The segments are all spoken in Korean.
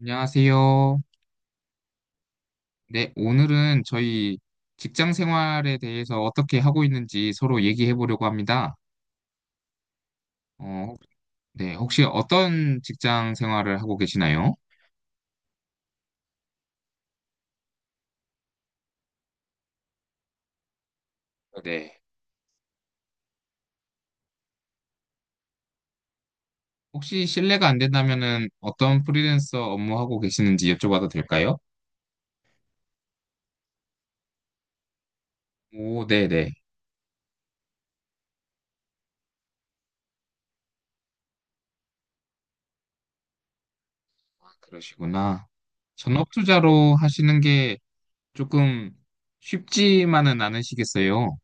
안녕하세요. 네, 오늘은 저희 직장 생활에 대해서 어떻게 하고 있는지 서로 얘기해 보려고 합니다. 어, 네, 혹시 어떤 직장 생활을 하고 계시나요? 네. 혹시 실례가 안 된다면은 어떤 프리랜서 업무하고 계시는지 여쭤봐도 될까요? 오, 네네. 아, 그러시구나. 전업 투자로 하시는 게 조금 쉽지만은 않으시겠어요?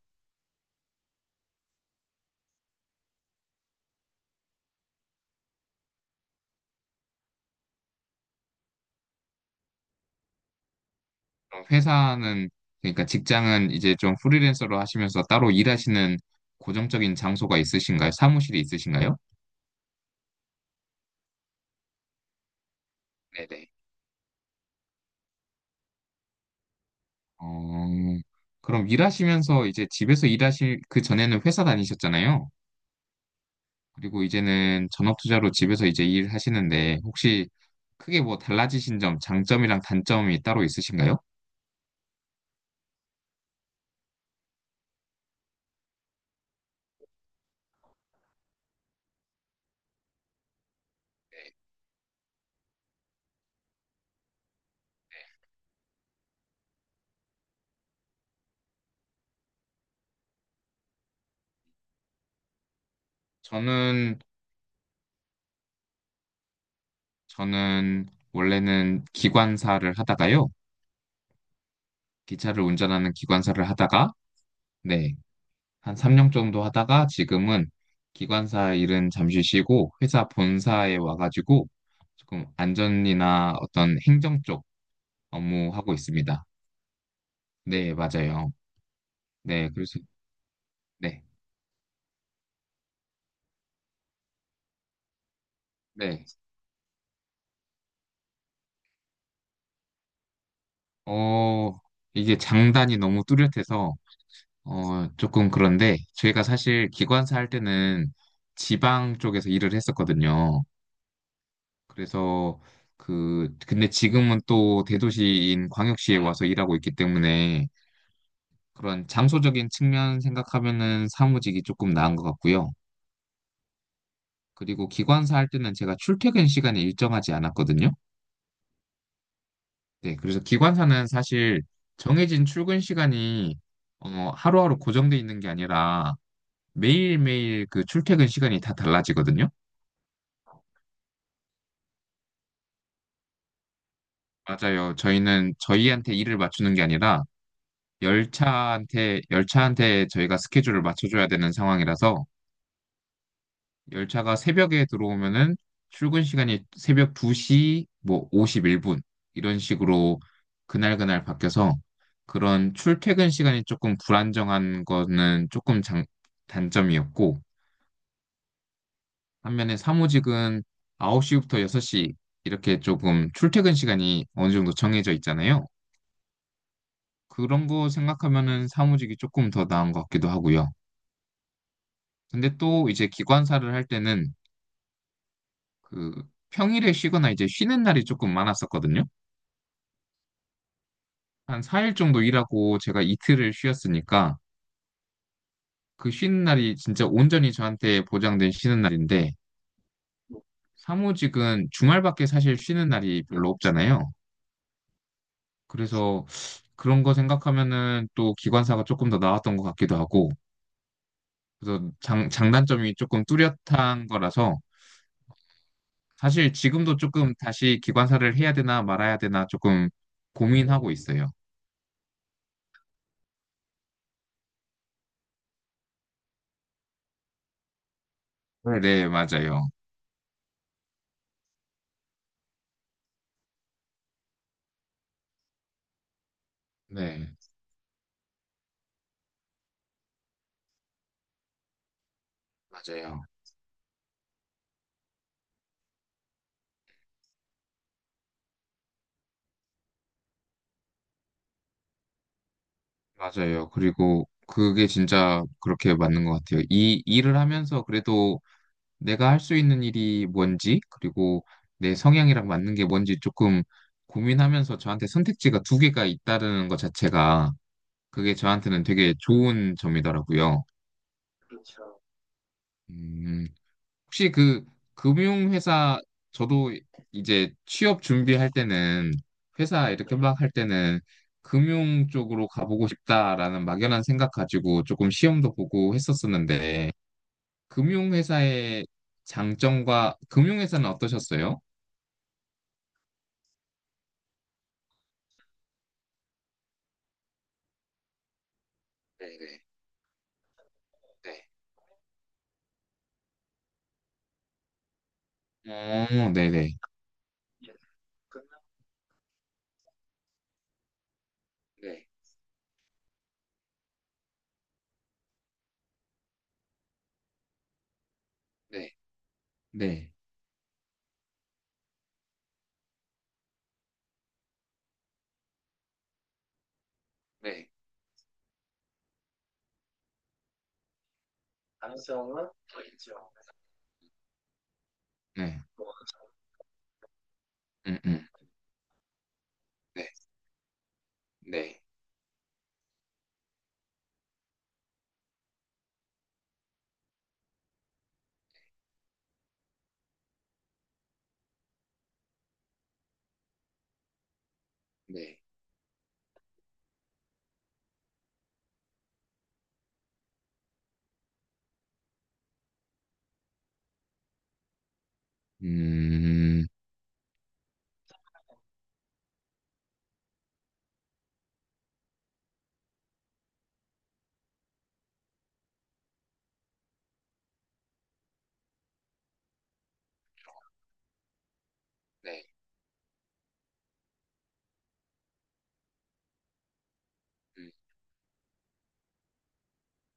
그럼 회사는 그러니까 직장은 이제 좀 프리랜서로 하시면서 따로 일하시는 고정적인 장소가 있으신가요? 사무실이 있으신가요? 네네. 어, 그럼 일하시면서 이제 집에서 일하실 그 전에는 회사 다니셨잖아요. 그리고 이제는 전업 투자로 집에서 이제 일하시는데 혹시 크게 뭐 달라지신 점, 장점이랑 단점이 따로 있으신가요? 네. 저는 저는 원래는 기관사를 하다가요. 기차를 운전하는 기관사를 하다가 네. 한 3년 정도 하다가 지금은 기관사 일은 잠시 쉬고 회사 본사에 와가지고 조금 안전이나 어떤 행정 쪽 업무 하고 있습니다. 네, 맞아요. 네, 그래서 네, 네. 어, 이게 장단이 너무 뚜렷해서 조금 그런데 저희가 사실 기관사 할 때는 지방 쪽에서 일을 했었거든요. 그래서 그 근데 지금은 또 대도시인 광역시에 와서 일하고 있기 때문에 그런 장소적인 측면 생각하면은 사무직이 조금 나은 것 같고요. 그리고 기관사 할 때는 제가 출퇴근 시간이 일정하지 않았거든요. 네, 그래서 기관사는 사실 정해진 출근 시간이 하루하루 고정돼 있는 게 아니라 매일매일 그 출퇴근 시간이 다 달라지거든요. 맞아요. 저희는 저희한테 일을 맞추는 게 아니라 열차한테 저희가 스케줄을 맞춰줘야 되는 상황이라서 열차가 새벽에 들어오면은 출근 시간이 새벽 2시 뭐 51분 이런 식으로 그날그날 바뀌어서 그런 출퇴근 시간이 조금 불안정한 거는 조금 장, 단점이었고 반면에 사무직은 9시부터 6시 이렇게 조금 출퇴근 시간이 어느 정도 정해져 있잖아요. 그런 거 생각하면은 사무직이 조금 더 나은 것 같기도 하고요. 근데 또 이제 기관사를 할 때는 그 평일에 쉬거나 이제 쉬는 날이 조금 많았었거든요. 한 4일 정도 일하고 제가 이틀을 쉬었으니까 그 쉬는 날이 진짜 온전히 저한테 보장된 쉬는 날인데 사무직은 주말밖에 사실 쉬는 날이 별로 없잖아요. 그래서 그런 거 생각하면은 또 기관사가 조금 더 나았던 것 같기도 하고 그래서 장, 장단점이 조금 뚜렷한 거라서 사실 지금도 조금 다시 기관사를 해야 되나 말아야 되나 조금 고민하고 있어요. 네, 네, 맞아요. 네, 맞아요. 맞아요. 그리고 그게 진짜 그렇게 맞는 것 같아요. 이 일을 하면서 그래도 내가 할 수 있는 일이 뭔지, 그리고 내 성향이랑 맞는 게 뭔지 조금 고민하면서 저한테 선택지가 두 개가 있다는 것 자체가 그게 저한테는 되게 좋은 점이더라고요. 그렇죠. 음, 혹시 그 금융회사 저도 이제 취업 준비할 때는 회사 이렇게 네. 막 할 때는 금융 쪽으로 가보고 싶다라는 막연한 생각 가지고 조금 시험도 보고 했었었는데 금융회사의 장점과 금융회사는 어떠셨어요? 네, 네, 네, 네네. 이제 끝나- 네, 네, 네. 네. 가능성은 더 있죠. 네. 음, 음. 네, 네, 네, 음. 네.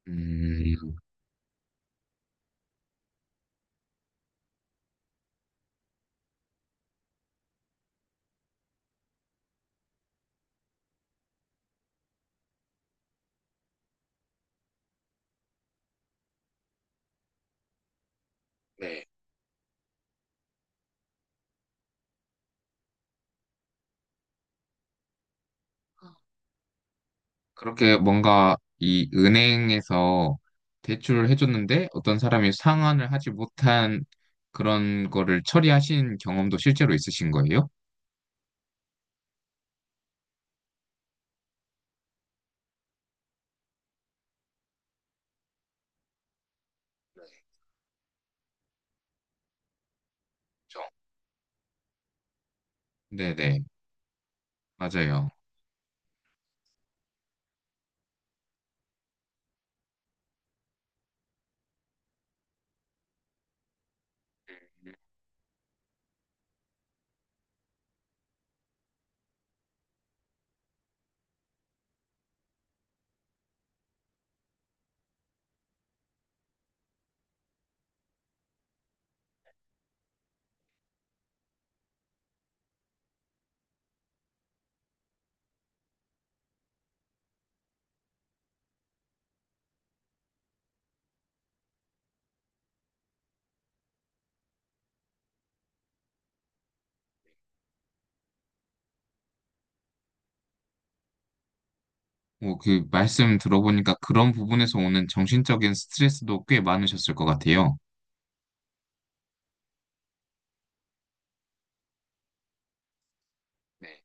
음, 네. 어, 그렇게 뭔가 이 은행에서 대출을 해줬는데 어떤 사람이 상환을 하지 못한 그런 거를 처리하신 경험도 실제로 있으신 거예요? 네. 그렇죠. 네네, 맞아요. 뭐 그 말씀 들어보니까 그런 부분에서 오는 정신적인 스트레스도 꽤 많으셨을 것 같아요. 네,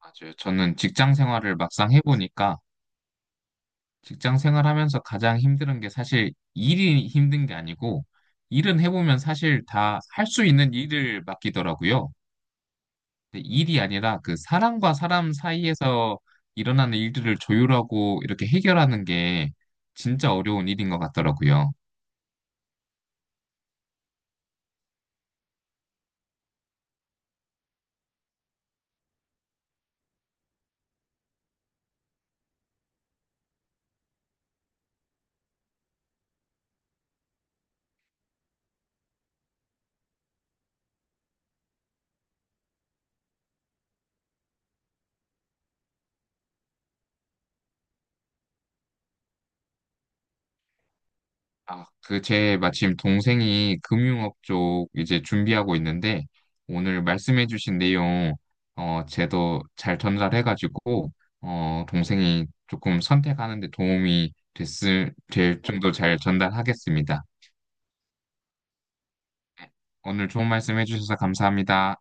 맞아요. 저는 직장 생활을 막상 해보니까 직장 생활하면서 가장 힘든 게 사실 일이 힘든 게 아니고 일은 해보면 사실 다 할 수 있는 일을 맡기더라고요. 근데 일이 아니라 그 사람과 사람 사이에서 일어나는 일들을 조율하고 이렇게 해결하는 게 진짜 어려운 일인 것 같더라고요. 아, 그, 제 마침 동생이 금융업 쪽 이제 준비하고 있는데, 오늘 말씀해주신 내용, 제도 잘 전달해가지고, 동생이 조금 선택하는데 도움이 됐을, 될 정도 잘 전달하겠습니다. 오늘 좋은 말씀해주셔서 감사합니다.